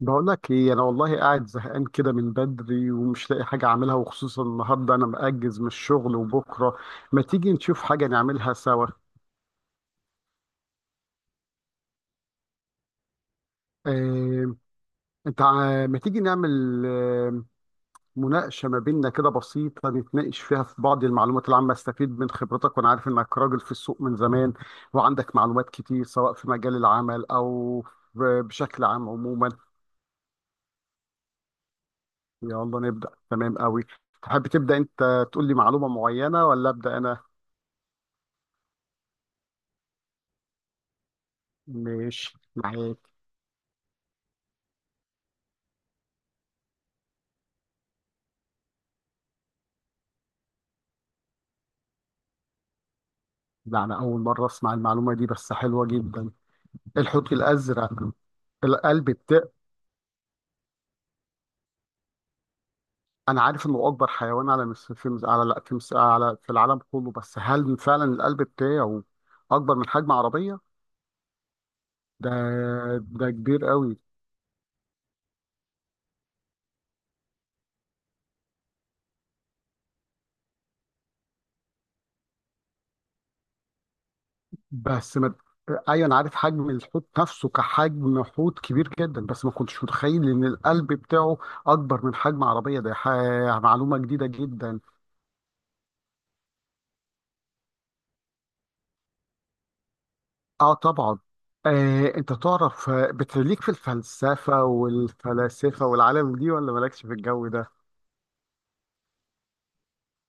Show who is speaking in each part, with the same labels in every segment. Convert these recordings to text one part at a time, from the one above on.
Speaker 1: بقول لك ايه؟ انا والله قاعد زهقان كده من بدري ومش لاقي حاجه اعملها، وخصوصا النهارده انا مأجز من الشغل وبكره. ما تيجي نشوف حاجه نعملها سوا؟ آه، انت ما تيجي نعمل مناقشه ما بيننا كده بسيطه، نتناقش فيها في بعض المعلومات العامه. استفيد من خبرتك وانا عارف انك راجل في السوق من زمان، وعندك معلومات كتير سواء في مجال العمل او ب- بشكل عام عموما. يلا نبدأ، تمام قوي. تحب تبدأ انت تقول لي معلومه معينه ولا أبدأ انا؟ مش معاك. ده أنا أول مرة أسمع المعلومة دي، بس حلوة جدا. الحوت الأزرق؟ القلب التاء، أنا عارف إنه أكبر حيوان على مس... في مس... على لا في مس... على في العالم كله، بس هل فعلا القلب بتاعه أكبر من حجم عربية؟ ده ده كبير قوي. بس ما... أيوة أنا عارف حجم الحوت نفسه كحجم حوت كبير جدا، بس ما كنتش متخيل إن القلب بتاعه أكبر من حجم عربية. معلومة جديدة جدا. اه طبعا. انت تعرف بتليك في الفلسفة والفلاسفة والعالم دي، ولا مالكش في الجو ده؟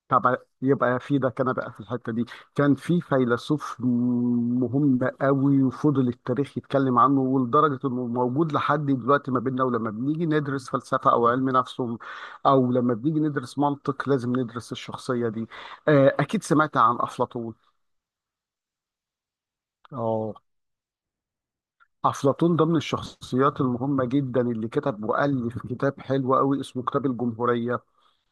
Speaker 1: طب يبقى في ده، كان بقى في الحتة دي كان في فيلسوف مهم قوي، وفضل التاريخ يتكلم عنه ولدرجة انه موجود لحد دلوقتي ما بيننا. ولما بنيجي ندرس فلسفة او علم نفس او لما بنيجي ندرس منطق، لازم ندرس الشخصية دي. اكيد سمعت عن افلاطون. اه، أفلاطون ده من الشخصيات المهمة جدا، اللي كتب وألف كتاب حلو قوي اسمه كتاب الجمهورية.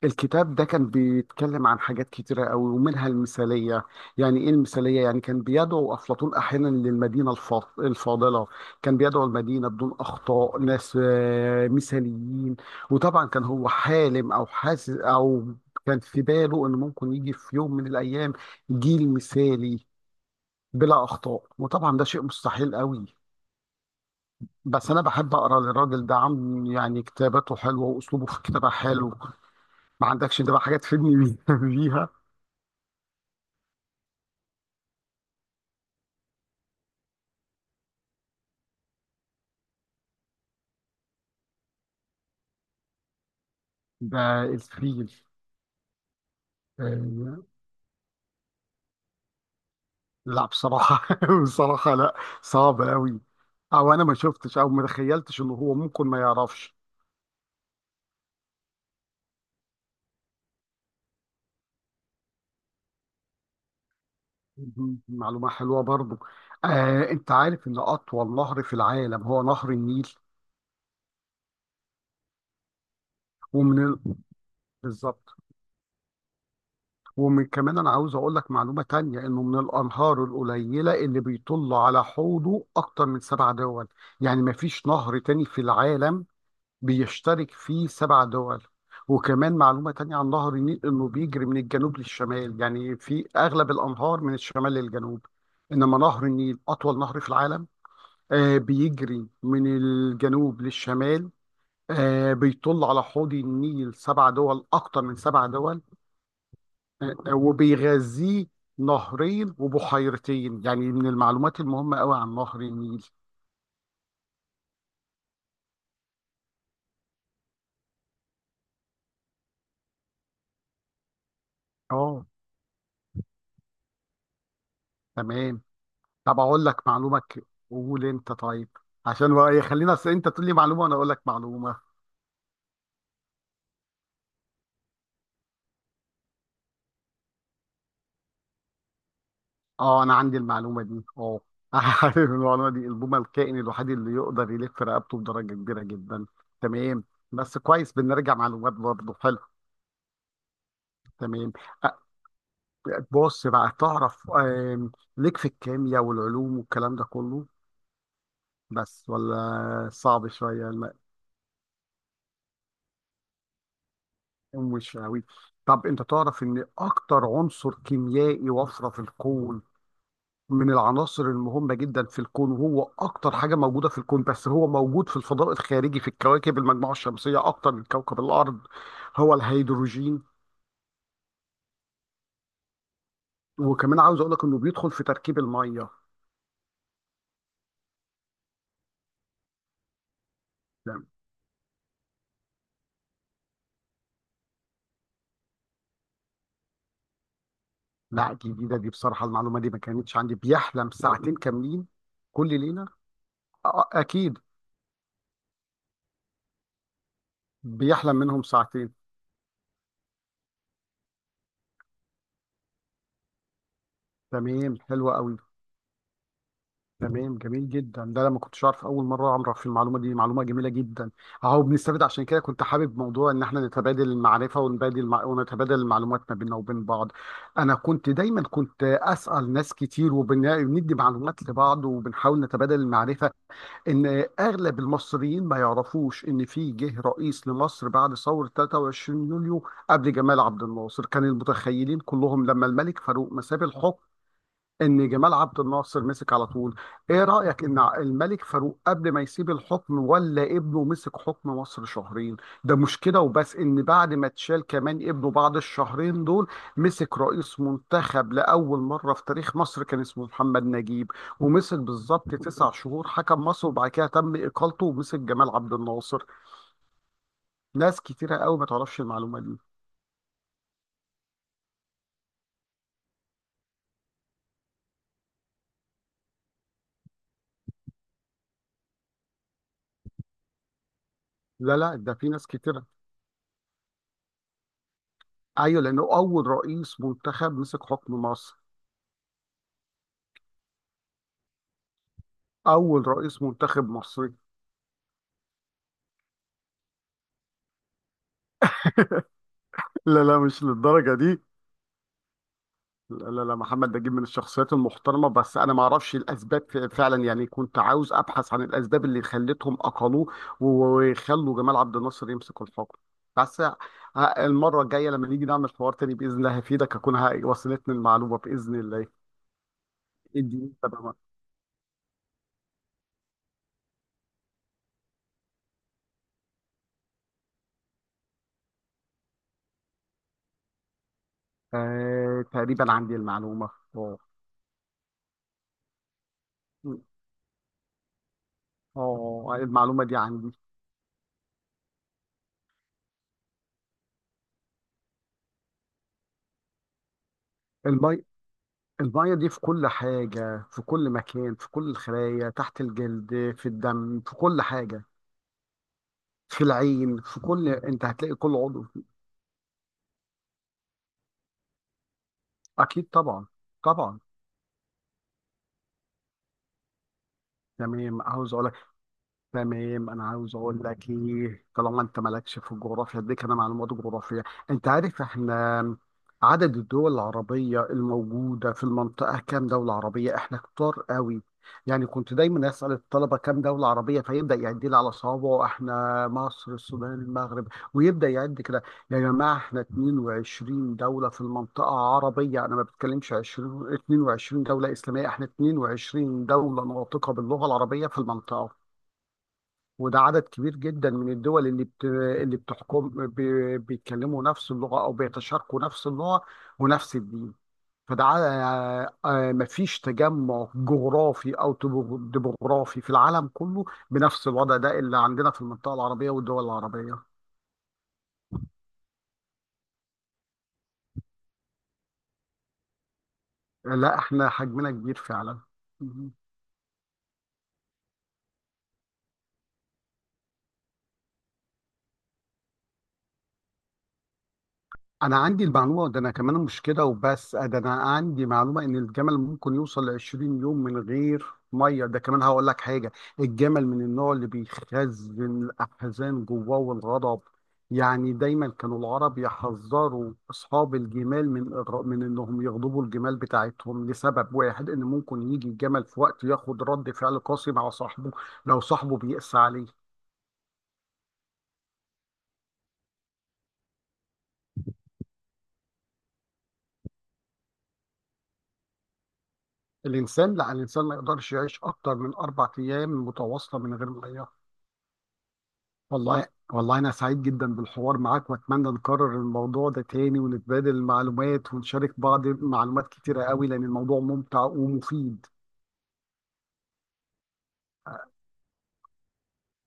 Speaker 1: الكتاب ده كان بيتكلم عن حاجات كتيرة قوي، ومنها المثالية. يعني إيه المثالية؟ يعني كان بيدعو أفلاطون أحيانا للمدينة الفاضلة، كان بيدعو المدينة بدون أخطاء، ناس مثاليين. وطبعا كان هو حالم أو حاسس أو كان في باله إن ممكن يجي في يوم من الأيام جيل مثالي بلا أخطاء، وطبعا ده شيء مستحيل قوي. بس انا بحب اقرا للراجل ده عم يعني، كتاباته حلوه واسلوبه في الكتابه حلو. ما عندكش انت بقى حاجات تفيدني بيها؟ ده الفيل؟ آه، لا بصراحه، بصراحه لا، صعب قوي، او انا ما شفتش او ما تخيلتش انه هو ممكن ما يعرفش. مهم. معلومه حلوه برضو. انت عارف ان اطول نهر في العالم هو نهر النيل؟ ومن ال... بالظبط. ومن كمان انا عاوز اقول لك معلومه تانية، انه من الانهار القليله اللي بيطل على حوضه اكتر من 7 دول. يعني ما فيش نهر تاني في العالم بيشترك فيه 7 دول. وكمان معلومه تانية عن نهر النيل، انه بيجري من الجنوب للشمال، يعني في اغلب الانهار من الشمال للجنوب، انما نهر النيل اطول نهر في العالم. آه بيجري من الجنوب للشمال. آه بيطل على حوض النيل 7 دول، اكتر من سبع دول، وبيغذيه نهرين وبحيرتين، يعني من المعلومات المهمة قوي عن نهر النيل. اه تمام. طب اقول لك معلومة، قول انت طيب. عشان بقى خلينا، أصل انت تقول لي معلومة وانا اقول لك معلومة. اه انا عندي المعلومة دي اه. عارف المعلومة دي، البومة الكائن الوحيد اللي يقدر يلف رقبته بدرجة كبيرة جدا. تمام. بس كويس بنرجع معلومات، برضه حلو. تمام أ- بص بقى، تعرف ليك في الكيمياء والعلوم والكلام ده كله، بس ولا صعب شوية؟ لا مش قوي. طب انت تعرف ان اكتر عنصر كيميائي وفرة في الكون، من العناصر المهمة جدا في الكون، وهو اكتر حاجة موجودة في الكون، بس هو موجود في الفضاء الخارجي في الكواكب، المجموعة الشمسية اكتر من كوكب الارض، هو الهيدروجين. وكمان عاوز اقول لك انه بيدخل في تركيب المية. لا، لا، جديدة دي بصراحة، المعلومة دي ما كانتش عندي. بيحلم ساعتين كاملين كل ليلة؟ اكيد بيحلم منهم ساعتين. تمام حلوة قوي. تمام جميل جدا، ده انا ما كنتش اعرف، اول مره اعرف المعلومه دي، معلومه جميله جدا. اهو بنستفيد، عشان كده كنت حابب موضوع ان احنا نتبادل المعرفه، ونتبادل المعلومات ما بيننا وبين بعض. انا كنت دايما كنت اسال ناس كتير، وبندي معلومات لبعض، وبنحاول نتبادل المعرفه. ان اغلب المصريين ما يعرفوش ان في جه رئيس لمصر بعد ثوره 23 يوليو. قبل جمال عبد الناصر كان المتخيلين كلهم لما الملك فاروق مساب الحكم، ان جمال عبد الناصر مسك على طول. ايه رأيك ان الملك فاروق قبل ما يسيب الحكم ولا ابنه، مسك حكم مصر شهرين؟ ده مشكلة، وبس ان بعد ما اتشال كمان ابنه بعد الشهرين دول، مسك رئيس منتخب لأول مرة في تاريخ مصر، كان اسمه محمد نجيب. ومسك بالظبط 9 شهور حكم مصر، وبعد كده تم إقالته، ومسك جمال عبد الناصر. ناس كتيرة قوي ما تعرفش المعلومة دي. لا لا، ده في ناس كتيرة. ايوه لانه اول رئيس منتخب مسك حكم مصر. اول رئيس منتخب مصري. لا لا، مش للدرجه دي. لا لا لا، محمد نجيب من الشخصيات المحترمه، بس انا ما اعرفش الاسباب فعلا يعني، كنت عاوز ابحث عن الاسباب اللي خلتهم اقلوه وخلوا جمال عبد الناصر يمسك الحكم. بس ه- المره الجايه لما نيجي نعمل حوار تاني باذن الله هفيدك، اكون وصلتني المعلومه باذن الله. اديني تمام. آه تقريبا عندي المعلومه. اه اه المعلومه دي عندي. المي المية دي في كل حاجة، في كل مكان، في كل الخلايا تحت الجلد، في الدم، في كل حاجة، في العين، في كل، انت هتلاقي كل عضو. اكيد طبعا، طبعا. تمام عاوز اقول. تمام انا عاوز اقول لك ايه، طالما انت مالكش في الجغرافيا اديك انا معلومات جغرافيه. انت عارف احنا عدد الدول العربيه الموجوده في المنطقه كام دوله عربيه؟ احنا كتار قوي. يعني كنت دايما اسال الطلبه كام دوله عربيه، فيبدا يعد لي على صوابعه، احنا مصر السودان المغرب، ويبدا يعد كده. يا جماعه احنا 22 دوله في المنطقه عربيه، انا ما بتكلمش 20 22 دوله اسلاميه، احنا 22 دوله ناطقه باللغه العربيه في المنطقه. وده عدد كبير جدا من الدول اللي بت... اللي بتحكم ب... بيتكلموا نفس اللغة أو بيتشاركوا نفس اللغة ونفس الدين. فده ع- مفيش تجمع جغرافي أو ديموغرافي في العالم كله بنفس الوضع ده اللي عندنا في المنطقة العربية والدول العربية. لا احنا حجمنا كبير فعلا. انا عندي المعلومه ده، انا كمان مش كده وبس، ده انا عندي معلومه ان الجمل ممكن يوصل ل 20 يوم من غير ميه. ده كمان هقول لك حاجه، الجمل من النوع اللي بيخزن الاحزان جواه والغضب. يعني دايما كانوا العرب يحذروا اصحاب الجمال من من انهم يغضبوا الجمال بتاعتهم، لسبب واحد ان ممكن يجي الجمل في وقت ياخد رد فعل قاسي مع صاحبه، لو صاحبه بيقسى عليه. الانسان لا، الانسان ما يقدرش يعيش اكتر من 4 ايام متواصله من غير ميه. والله والله أنا سعيد جدا بالحوار معاك، وأتمنى نكرر الموضوع ده تاني ونتبادل المعلومات ونشارك بعض معلومات كتيرة قوي، لأن الموضوع ممتع ومفيد.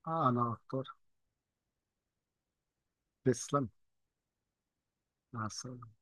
Speaker 1: أنا أكتر. تسلم. مع السلامة.